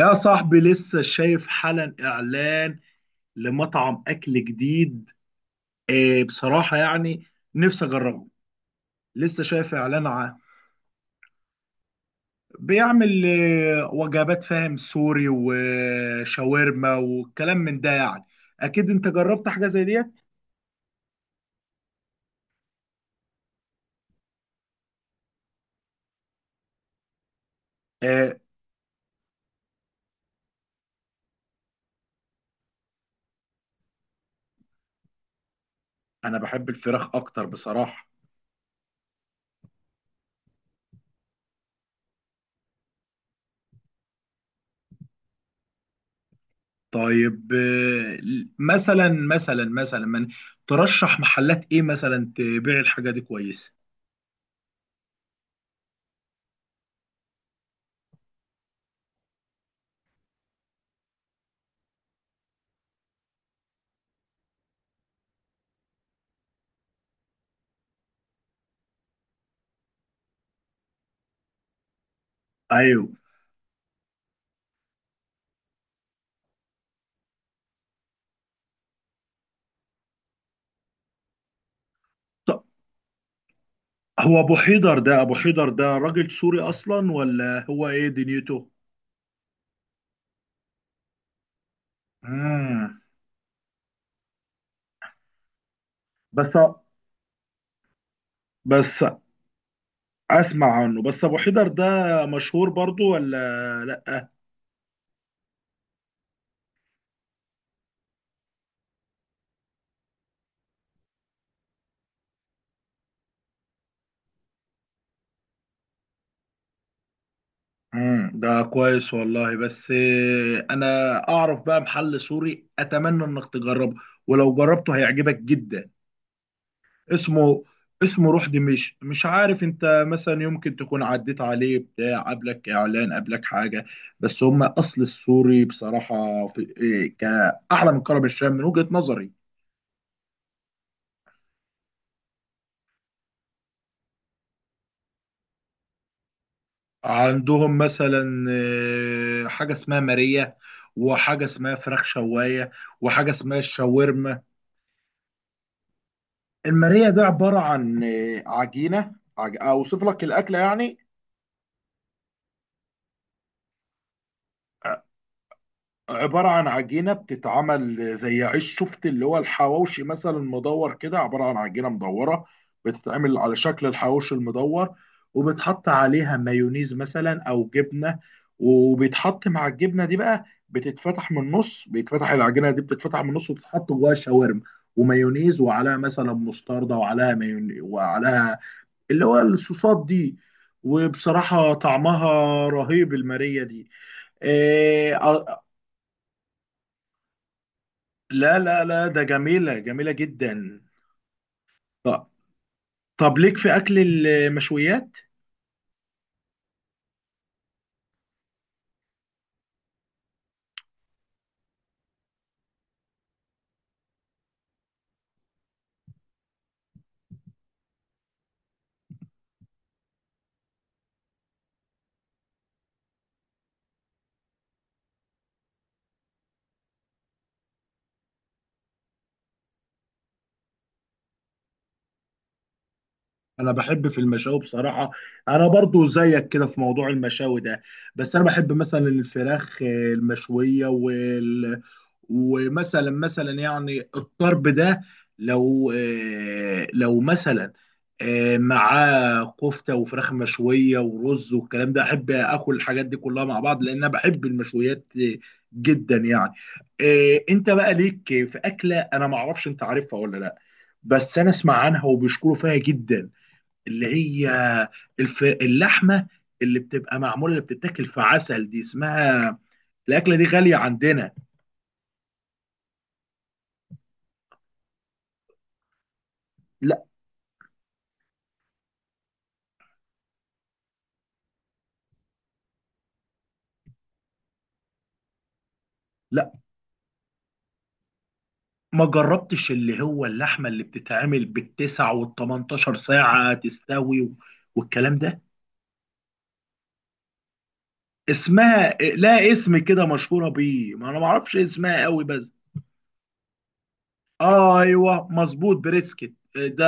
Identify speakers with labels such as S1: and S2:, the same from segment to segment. S1: يا صاحبي لسه شايف حالا اعلان لمطعم اكل جديد. بصراحة يعني نفسي اجربه. لسه شايف اعلان عنه. بيعمل وجبات فاهم، سوري وشاورما والكلام من ده، يعني اكيد انت جربت حاجة زي ديت. آه، انا بحب الفراخ اكتر بصراحة. طيب. مثلا مثلا من ترشح محلات ايه مثلا تبيع الحاجة دي كويسة؟ ايوه. هو ابو حيدر ده، ابو حيدر ده راجل سوري اصلا ولا هو ايه دنيته؟ امم. بس. بس اسمع عنه بس. ابو حيدر ده مشهور برضو ولا لا؟ امم، ده كويس والله. بس آه، انا اعرف بقى محل سوري، اتمنى انك تجربه، ولو جربته هيعجبك جدا. اسمه، اسمه روح دمشق. مش عارف، انت مثلا يمكن تكون عديت عليه، بتاع قبلك اعلان قبلك حاجه. بس هم اصل السوري بصراحه في كاعلى من كرم الشام من وجهه نظري. عندهم مثلا حاجه اسمها ماريا، وحاجه اسمها فراخ شوايه، وحاجه اسمها الشاورما. الماريا ده عباره عن عجينه. اوصف لك الاكله يعني. عبارة عن عجينة بتتعمل زي عيش، شفت اللي هو الحواوشي مثلا، مدور كده. عبارة عن عجينة مدورة بتتعمل على شكل الحواوشي المدور، وبتحط عليها مايونيز مثلا أو جبنة. وبيتحط مع الجبنة دي بقى، بتتفتح من النص، بيتفتح العجينة دي، بتتفتح من النص وتتحط جواها شاورما ومايونيز، وعليها مثلا مستردة، وعليها مايونيز، وعليها اللي هو الصوصات دي. وبصراحة طعمها رهيب، المارية دي. آه، لا لا لا، ده جميلة، جميلة جدا. طب، ليك في أكل المشويات؟ أنا بحب في المشاوي بصراحة. أنا برضو زيك كده في موضوع المشاوي ده. بس أنا بحب مثلا الفراخ المشوية. ومثلا يعني الطرب ده، لو لو مثلا معاه كفته وفراخ مشويه ورز والكلام ده، احب اكل الحاجات دي كلها مع بعض، لان انا بحب المشويات جدا يعني. انت بقى ليك في اكله انا ما اعرفش انت عارفها ولا لا، بس انا اسمع عنها وبيشكروا فيها جدا، اللي هي اللحمه اللي بتبقى معموله، اللي بتتاكل في عسل دي، اسمها، الاكله دي غاليه عندنا. لا، ما جربتش اللي هو اللحمه اللي بتتعمل بالتسع والتمنتاشر ساعه تستوي و- والكلام ده، اسمها لا اسم كده مشهوره بيه، ما انا ما اعرفش اسمها قوي بس. آه ايوه، مظبوط، بريسكت ده.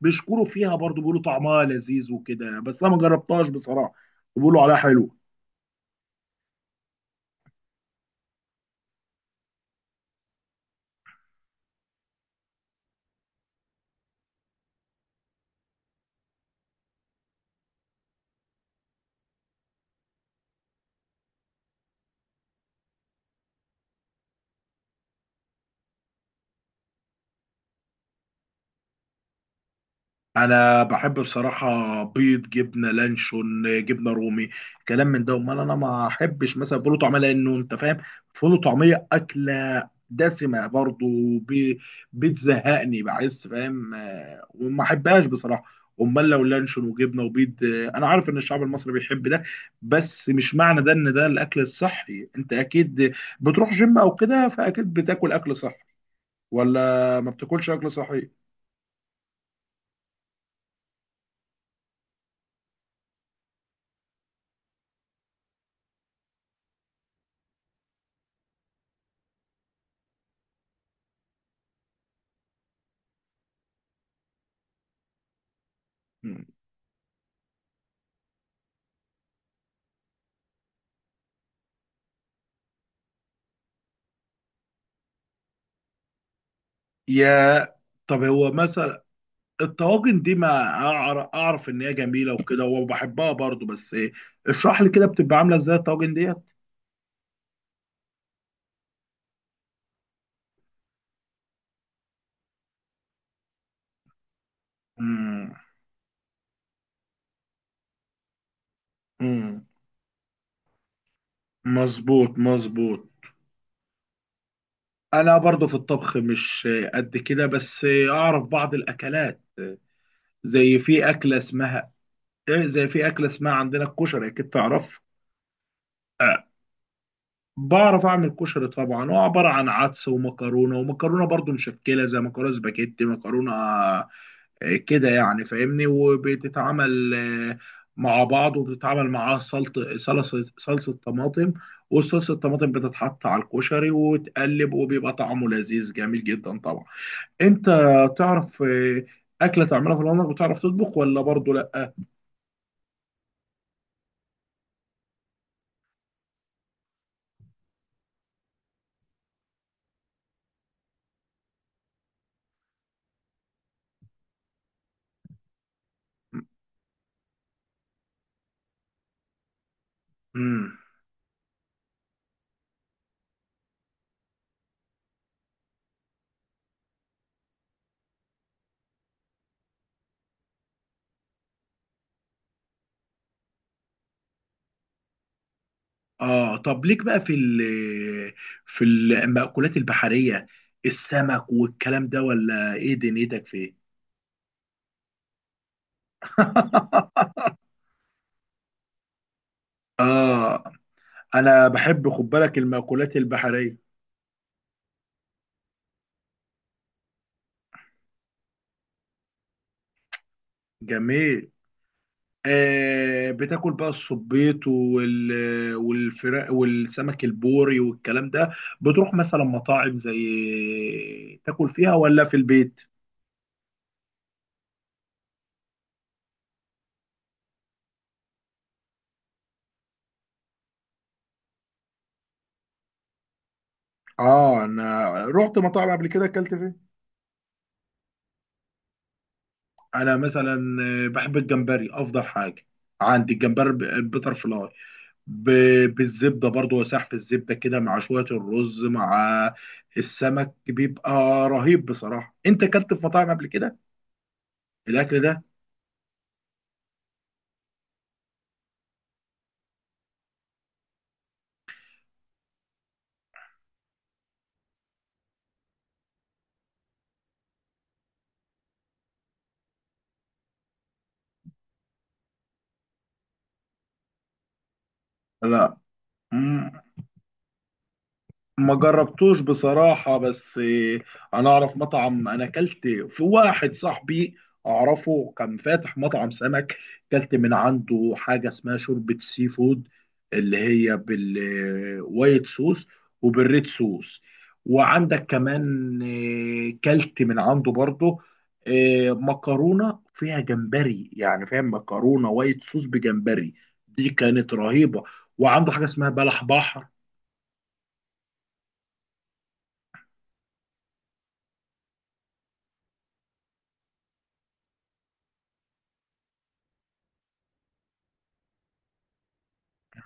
S1: بيشكروا فيها برضو، بيقولوا طعمها لذيذ وكده، بس انا ما جربتهاش بصراحه. بيقولوا عليها حلو. انا بحب بصراحه بيض، جبنه لانشون، جبنه رومي، كلام من ده. امال انا ما احبش مثلا فول وطعميه، لانه انت فاهم، فول وطعميه اكله دسمه برضو، بي- بتزهقني، بحس فاهم وما احبهاش بصراحه. امال لو لانشون وجبنه وبيض انا عارف ان الشعب المصري بيحب ده، بس مش معنى ده ان ده الاكل الصحي. انت اكيد بتروح جيم او كده، فاكيد بتاكل اكل صحي ولا ما بتاكلش اكل صحي؟ مم. يا، طب هو مثلا الطواجن دي، ما أعر- اعرف ان هي جميله وكده وبحبها برضو، بس اشرح لي كده بتبقى عامله ازاي الطواجن ديت. مم. مظبوط، مظبوط. انا برضو في الطبخ مش قد كده، بس اعرف بعض الاكلات، زي في اكله اسمها زي في اكله اسمها عندنا، الكشري اكيد تعرف. آه، بعرف اعمل كشري طبعا. هو عباره عن عدس ومكرونه، ومكرونه برضو مشكله زي مكرونه سباجيتي، مكرونه كده يعني فاهمني. وبتتعمل مع بعض، وبتتعمل معاها سلطة صلصة، صلصة طماطم، والصلصة الطماطم بتتحط على الكشري وتقلب، وبيبقى طعمه لذيذ جميل جدا طبعا. انت تعرف أكلة تعملها في العمر؟ بتعرف تطبخ ولا برضه لا؟ امم. اه طب ليك بقى في المأكولات البحرية، السمك والكلام ده، ولا ايه دنيتك فيه؟ اه، انا بحب خد بالك المأكولات البحرية. جميل. آه، بتاكل بقى الصبيط وال والفراخ والسمك البوري والكلام ده؟ بتروح مثلا مطاعم زي تاكل فيها ولا في البيت؟ اه انا رحت مطاعم قبل كده، اكلت فيه. انا مثلا بحب الجمبري افضل حاجة عندي، الجمبري البيتر فلاي، بالزبده برضو، وسحب الزبده كده مع شويه الرز مع السمك، بيبقى رهيب بصراحه. انت اكلت في مطاعم قبل كده الاكل ده؟ لا، ما جربتوش بصراحة. بس أنا أعرف مطعم، أنا أكلت في واحد صاحبي أعرفه كان فاتح مطعم سمك، أكلت من عنده حاجة اسمها شوربة سي فود، اللي هي بالوايت صوص وبالريد صوص. وعندك كمان كلت من عنده برضه مكرونة فيها جمبري، يعني فاهم، مكرونة وايت صوص بجمبري، دي كانت رهيبة. وعنده حاجة اسمها بلح بحر.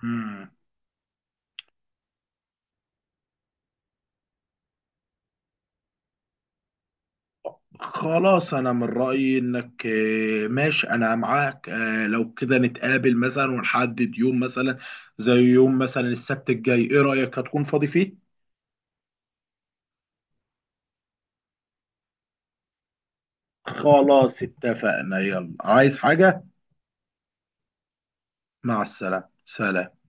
S1: مم. خلاص، انا من رأيي انك ماشي، انا معاك. لو كده نتقابل مثلا ونحدد يوم، مثلا زي يوم مثلا السبت الجاي، ايه رأيك؟ هتكون فاضي فيه؟ خلاص، اتفقنا. يلا، عايز حاجة؟ مع السلامة، سلام.